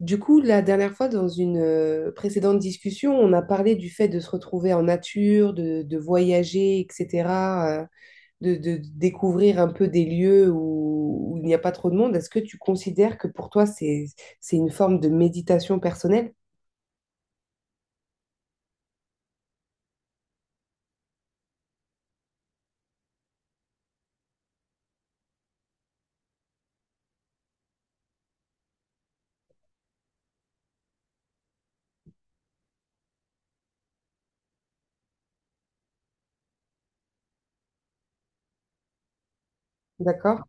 Du coup, la dernière fois, dans une précédente discussion, on a parlé du fait de se retrouver en nature, de voyager, etc., euh, de découvrir un peu des lieux où il n'y a pas trop de monde. Est-ce que tu considères que pour toi, c'est une forme de méditation personnelle? D'accord?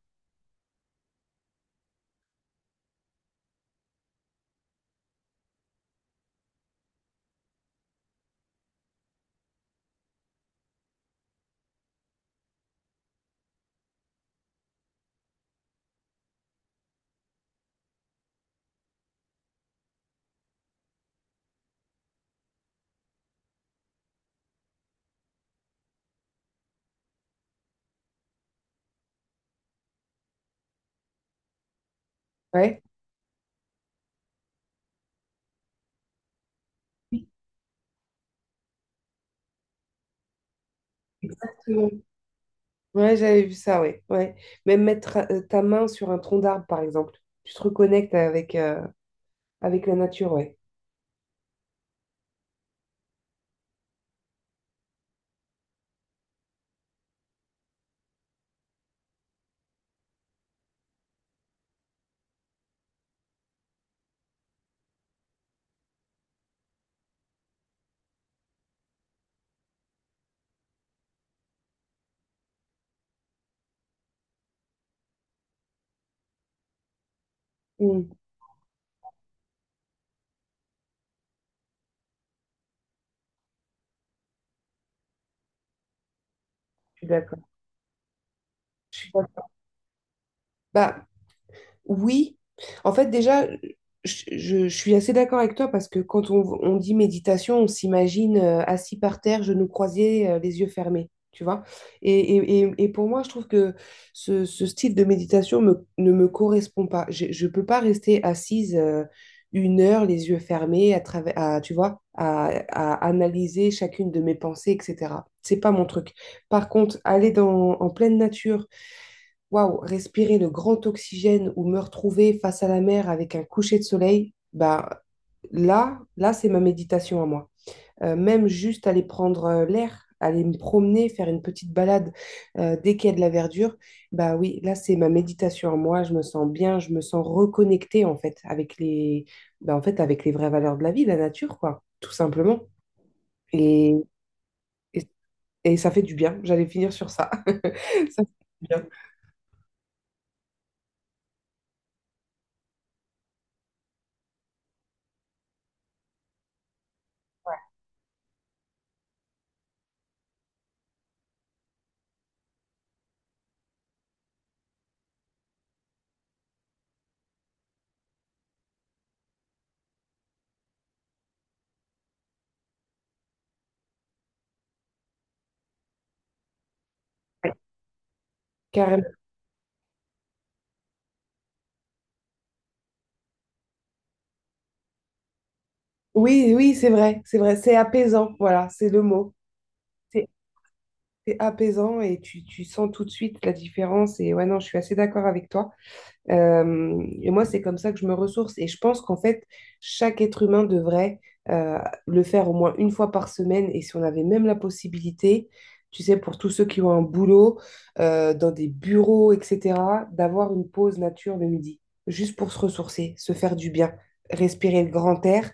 Ouais. Oui. Exactement. Ouais, j'avais vu ça, ouais. Ouais. Même mettre ta main sur un tronc d'arbre, par exemple. Tu te reconnectes avec la nature, ouais. Mm, je suis d'accord. Je suis d'accord. Bah. Oui, en fait, déjà, je suis assez d'accord avec toi parce que quand on dit méditation, on s'imagine assis par terre, genoux croisés, les yeux fermés, tu vois. Et pour moi, je trouve que ce style de méditation ne me correspond pas. Je ne peux pas rester assise 1 heure, les yeux fermés, tu vois, à analyser chacune de mes pensées, etc. C'est pas mon truc. Par contre, aller en pleine nature. Waouh, respirer le grand oxygène ou me retrouver face à la mer avec un coucher de soleil, bah là, c'est ma méditation à moi. Même juste aller prendre l'air, aller me promener, faire une petite balade dès qu'il y a de la verdure, bah oui, là, c'est ma méditation à moi. Je me sens bien, je me sens reconnectée en fait bah, en fait, avec les vraies valeurs de la vie, la nature, quoi, tout simplement. Et, et, et ça fait du bien. J'allais finir sur ça. Ça fait du bien. Ouais. Carrément. Oui, oui, c'est vrai, c'est vrai, c'est apaisant, voilà, c'est le mot. C'est c'est apaisant et tu sens tout de suite la différence. Et ouais, non, je suis assez d'accord avec toi. Et moi, c'est comme ça que je me ressource. Et je pense qu'en fait, chaque être humain devrait euh, le faire au moins une fois par semaine. Et si on avait même la possibilité, tu sais, pour tous ceux qui ont un boulot, dans des bureaux, etc., d'avoir une pause nature le midi, juste pour se ressourcer, se faire du bien, respirer le grand air,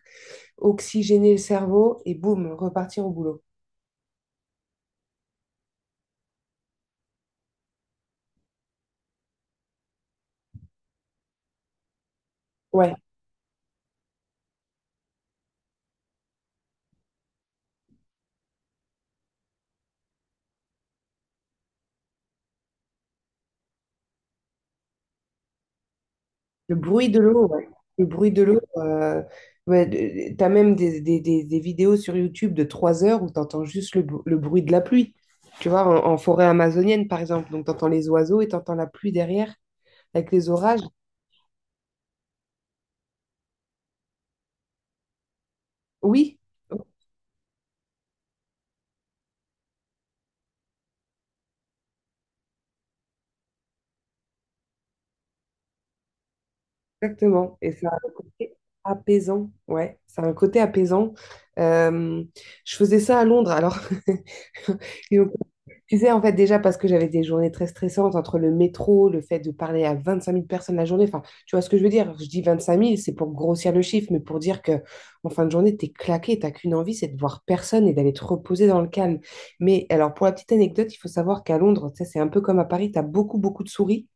oxygéner le cerveau et boum, repartir au boulot. Ouais, le bruit de l'eau, ouais. Le bruit de l'eau. Ouais, t'as même des vidéos sur YouTube de 3 heures où t'entends juste le bruit de la pluie. Tu vois, en forêt amazonienne, par exemple. Donc, t'entends les oiseaux et t'entends la pluie derrière avec les orages. Oui, exactement. Et ça a un côté apaisant. Ouais, ça a un côté apaisant. Euh, je faisais ça à Londres. Alors, ils ont. Tu sais, en fait, déjà parce que j'avais des journées très stressantes entre le métro, le fait de parler à 25 000 personnes la journée. Enfin, tu vois ce que je veux dire? Je dis 25 000, c'est pour grossir le chiffre, mais pour dire que en fin de journée, t'es claqué, t'as qu'une envie, c'est de voir personne et d'aller te reposer dans le calme. Mais alors, pour la petite anecdote, il faut savoir qu'à Londres, ça, c'est un peu comme à Paris, t'as beaucoup, beaucoup de souris.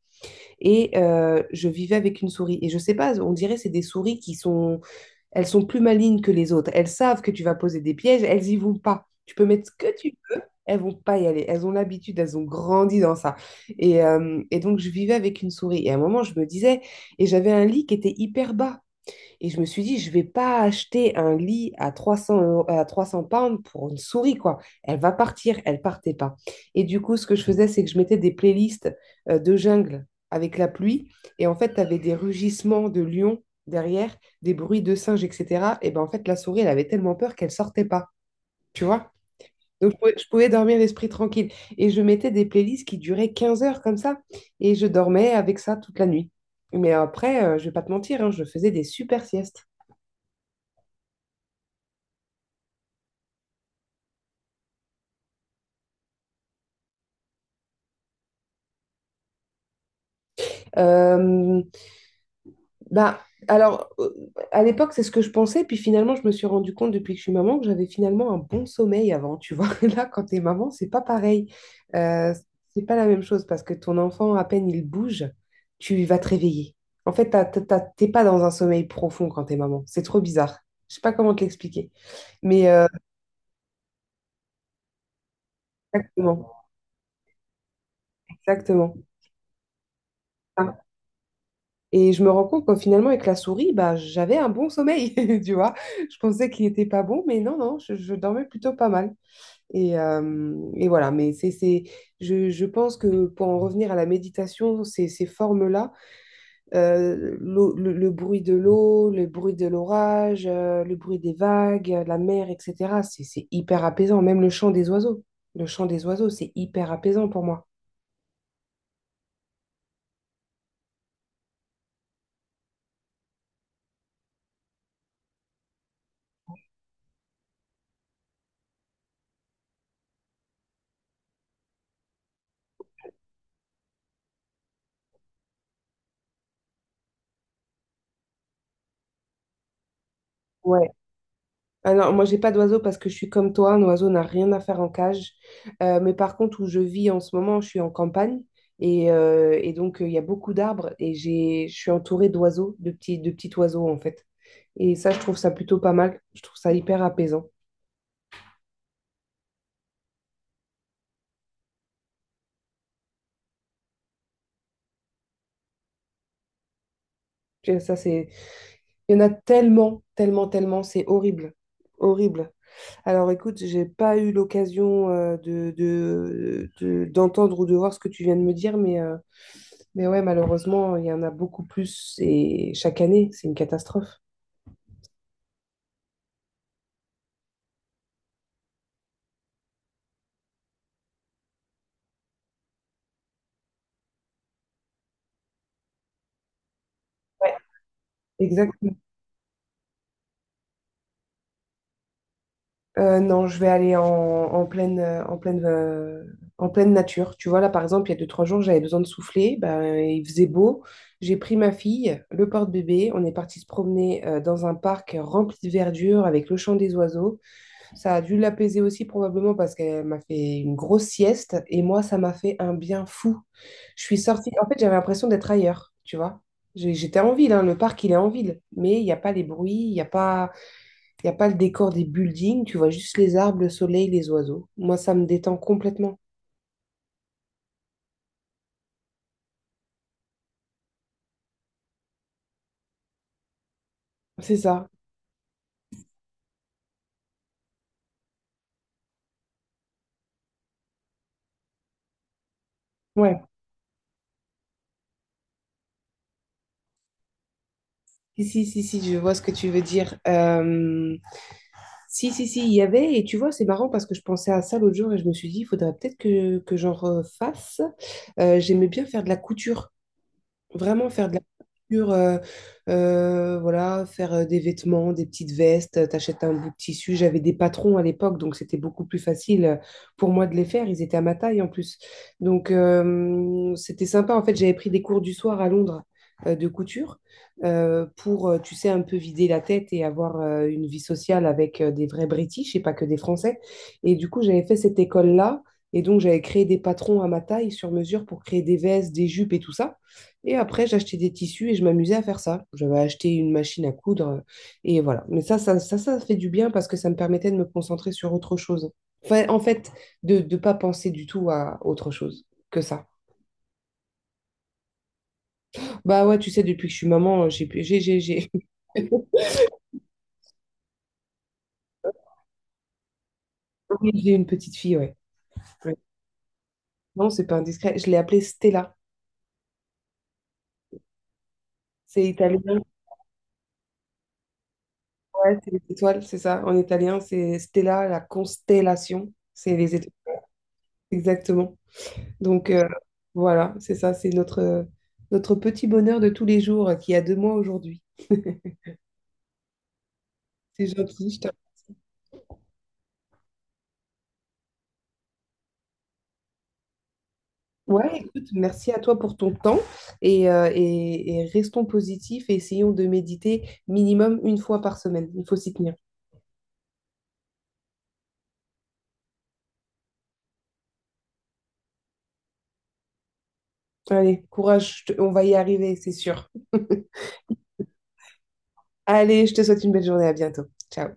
Et je vivais avec une souris. Et je sais pas, on dirait c'est des souris qui sont, elles sont plus malignes que les autres. Elles savent que tu vas poser des pièges, elles y vont pas. Tu peux mettre ce que tu, elles vont pas y aller. Elles ont l'habitude, elles ont grandi dans ça. Et donc, je vivais avec une souris. Et à un moment, je me disais, et j'avais un lit qui était hyper bas. Et je me suis dit, je vais pas acheter un lit à à 300 pounds pour une souris, quoi. Elle va partir, elle partait pas. Et du coup, ce que je faisais, c'est que je mettais des playlists de jungle avec la pluie. Et en fait, tu avais des rugissements de lions derrière, des bruits de singes, etc. Et ben en fait, la souris, elle avait tellement peur qu'elle sortait pas. Tu vois? Donc, je pouvais dormir l'esprit tranquille. Et je mettais des playlists qui duraient 15 heures comme ça. Et je dormais avec ça toute la nuit. Mais après, je vais pas te mentir, hein, je faisais des super siestes. Euh, bah, alors, à l'époque, c'est ce que je pensais, puis finalement, je me suis rendu compte depuis que je suis maman que j'avais finalement un bon sommeil avant, tu vois. Là, quand t'es maman, c'est pas pareil. Euh, c'est pas la même chose parce que ton enfant, à peine il bouge, tu vas te réveiller. En fait, t'es pas dans un sommeil profond quand t'es maman. C'est trop bizarre. Je sais pas comment te l'expliquer. Mais exactement, exactement. Ah. Et je me rends compte que finalement, avec la souris, bah, j'avais un bon sommeil, tu vois. Je pensais qu'il était pas bon, mais non, non, je dormais plutôt pas mal. Et voilà, mais je pense que pour en revenir à la méditation, ces formes-là, le bruit de l'eau, le bruit de l'orage, le bruit des vagues, la mer, etc., c'est hyper apaisant, même le chant des oiseaux. Le chant des oiseaux, c'est hyper apaisant pour moi. Ouais. Ah non, moi j'ai pas d'oiseau parce que je suis comme toi, un oiseau n'a rien à faire en cage. Mais par contre, où je vis en ce moment, je suis en campagne et donc il y a beaucoup d'arbres et je suis entourée d'oiseaux, de petits oiseaux en fait. Et ça, je trouve ça plutôt pas mal. Je trouve ça hyper apaisant. Puis ça, c'est. Il y en a tellement, tellement, tellement, c'est horrible. Horrible. Alors écoute, j'ai pas eu l'occasion d'entendre ou de voir ce que tu viens de me dire, Mais ouais, malheureusement, il y en a beaucoup plus et chaque année, c'est une catastrophe. Exactement. Non, je vais aller en pleine nature. Tu vois, là, par exemple, il y a deux, trois jours, j'avais besoin de souffler. Ben, il faisait beau. J'ai pris ma fille, le porte-bébé. On est parti se promener dans un parc rempli de verdure avec le chant des oiseaux. Ça a dû l'apaiser aussi probablement parce qu'elle m'a fait une grosse sieste et moi, ça m'a fait un bien fou. Je suis sortie, en fait, j'avais l'impression d'être ailleurs, tu vois. J'étais en ville, hein, le parc, il est en ville, mais il n'y a pas les bruits, il y a pas le décor des buildings, tu vois juste les arbres, le soleil, les oiseaux. Moi, ça me détend complètement. C'est ça. Ouais. Si, si, si, si, je vois ce que tu veux dire. Si, si, si, il y avait, et tu vois, c'est marrant parce que je pensais à ça l'autre jour et je me suis dit, il faudrait peut-être que j'en refasse. J'aimais bien faire de la couture. Vraiment faire de la couture, voilà, faire des vêtements, des petites vestes, t'achètes un bout de tissu. J'avais des patrons à l'époque, donc c'était beaucoup plus facile pour moi de les faire. Ils étaient à ma taille en plus. Donc c'était sympa. En fait, j'avais pris des cours du soir à Londres de couture pour, tu sais, un peu vider la tête et avoir une vie sociale avec des vrais British et pas que des Français. Et du coup, j'avais fait cette école-là. Et donc, j'avais créé des patrons à ma taille sur mesure pour créer des vestes, des jupes et tout ça. Et après, j'achetais des tissus et je m'amusais à faire ça. J'avais acheté une machine à coudre et voilà. Mais ça fait du bien parce que ça me permettait de me concentrer sur autre chose. Enfin, en fait, de ne pas penser du tout à autre chose que ça. Bah ouais, tu sais, depuis que je suis maman, j'ai Oui, j'ai une petite fille, ouais. Ouais. Non, c'est pas indiscret. Je l'ai appelée Stella. C'est italien, ouais, c'est les étoiles, c'est ça. En italien, c'est Stella, la constellation. C'est les étoiles, exactement. Donc voilà, c'est ça, c'est notre petit bonheur de tous les jours qui a 2 mois aujourd'hui. C'est gentil, je te... Ouais, écoute, merci à toi pour ton temps et restons positifs et essayons de méditer minimum une fois par semaine. Il faut s'y tenir. Allez, courage, on va y arriver, c'est sûr. Allez, je te souhaite une belle journée, à bientôt. Ciao.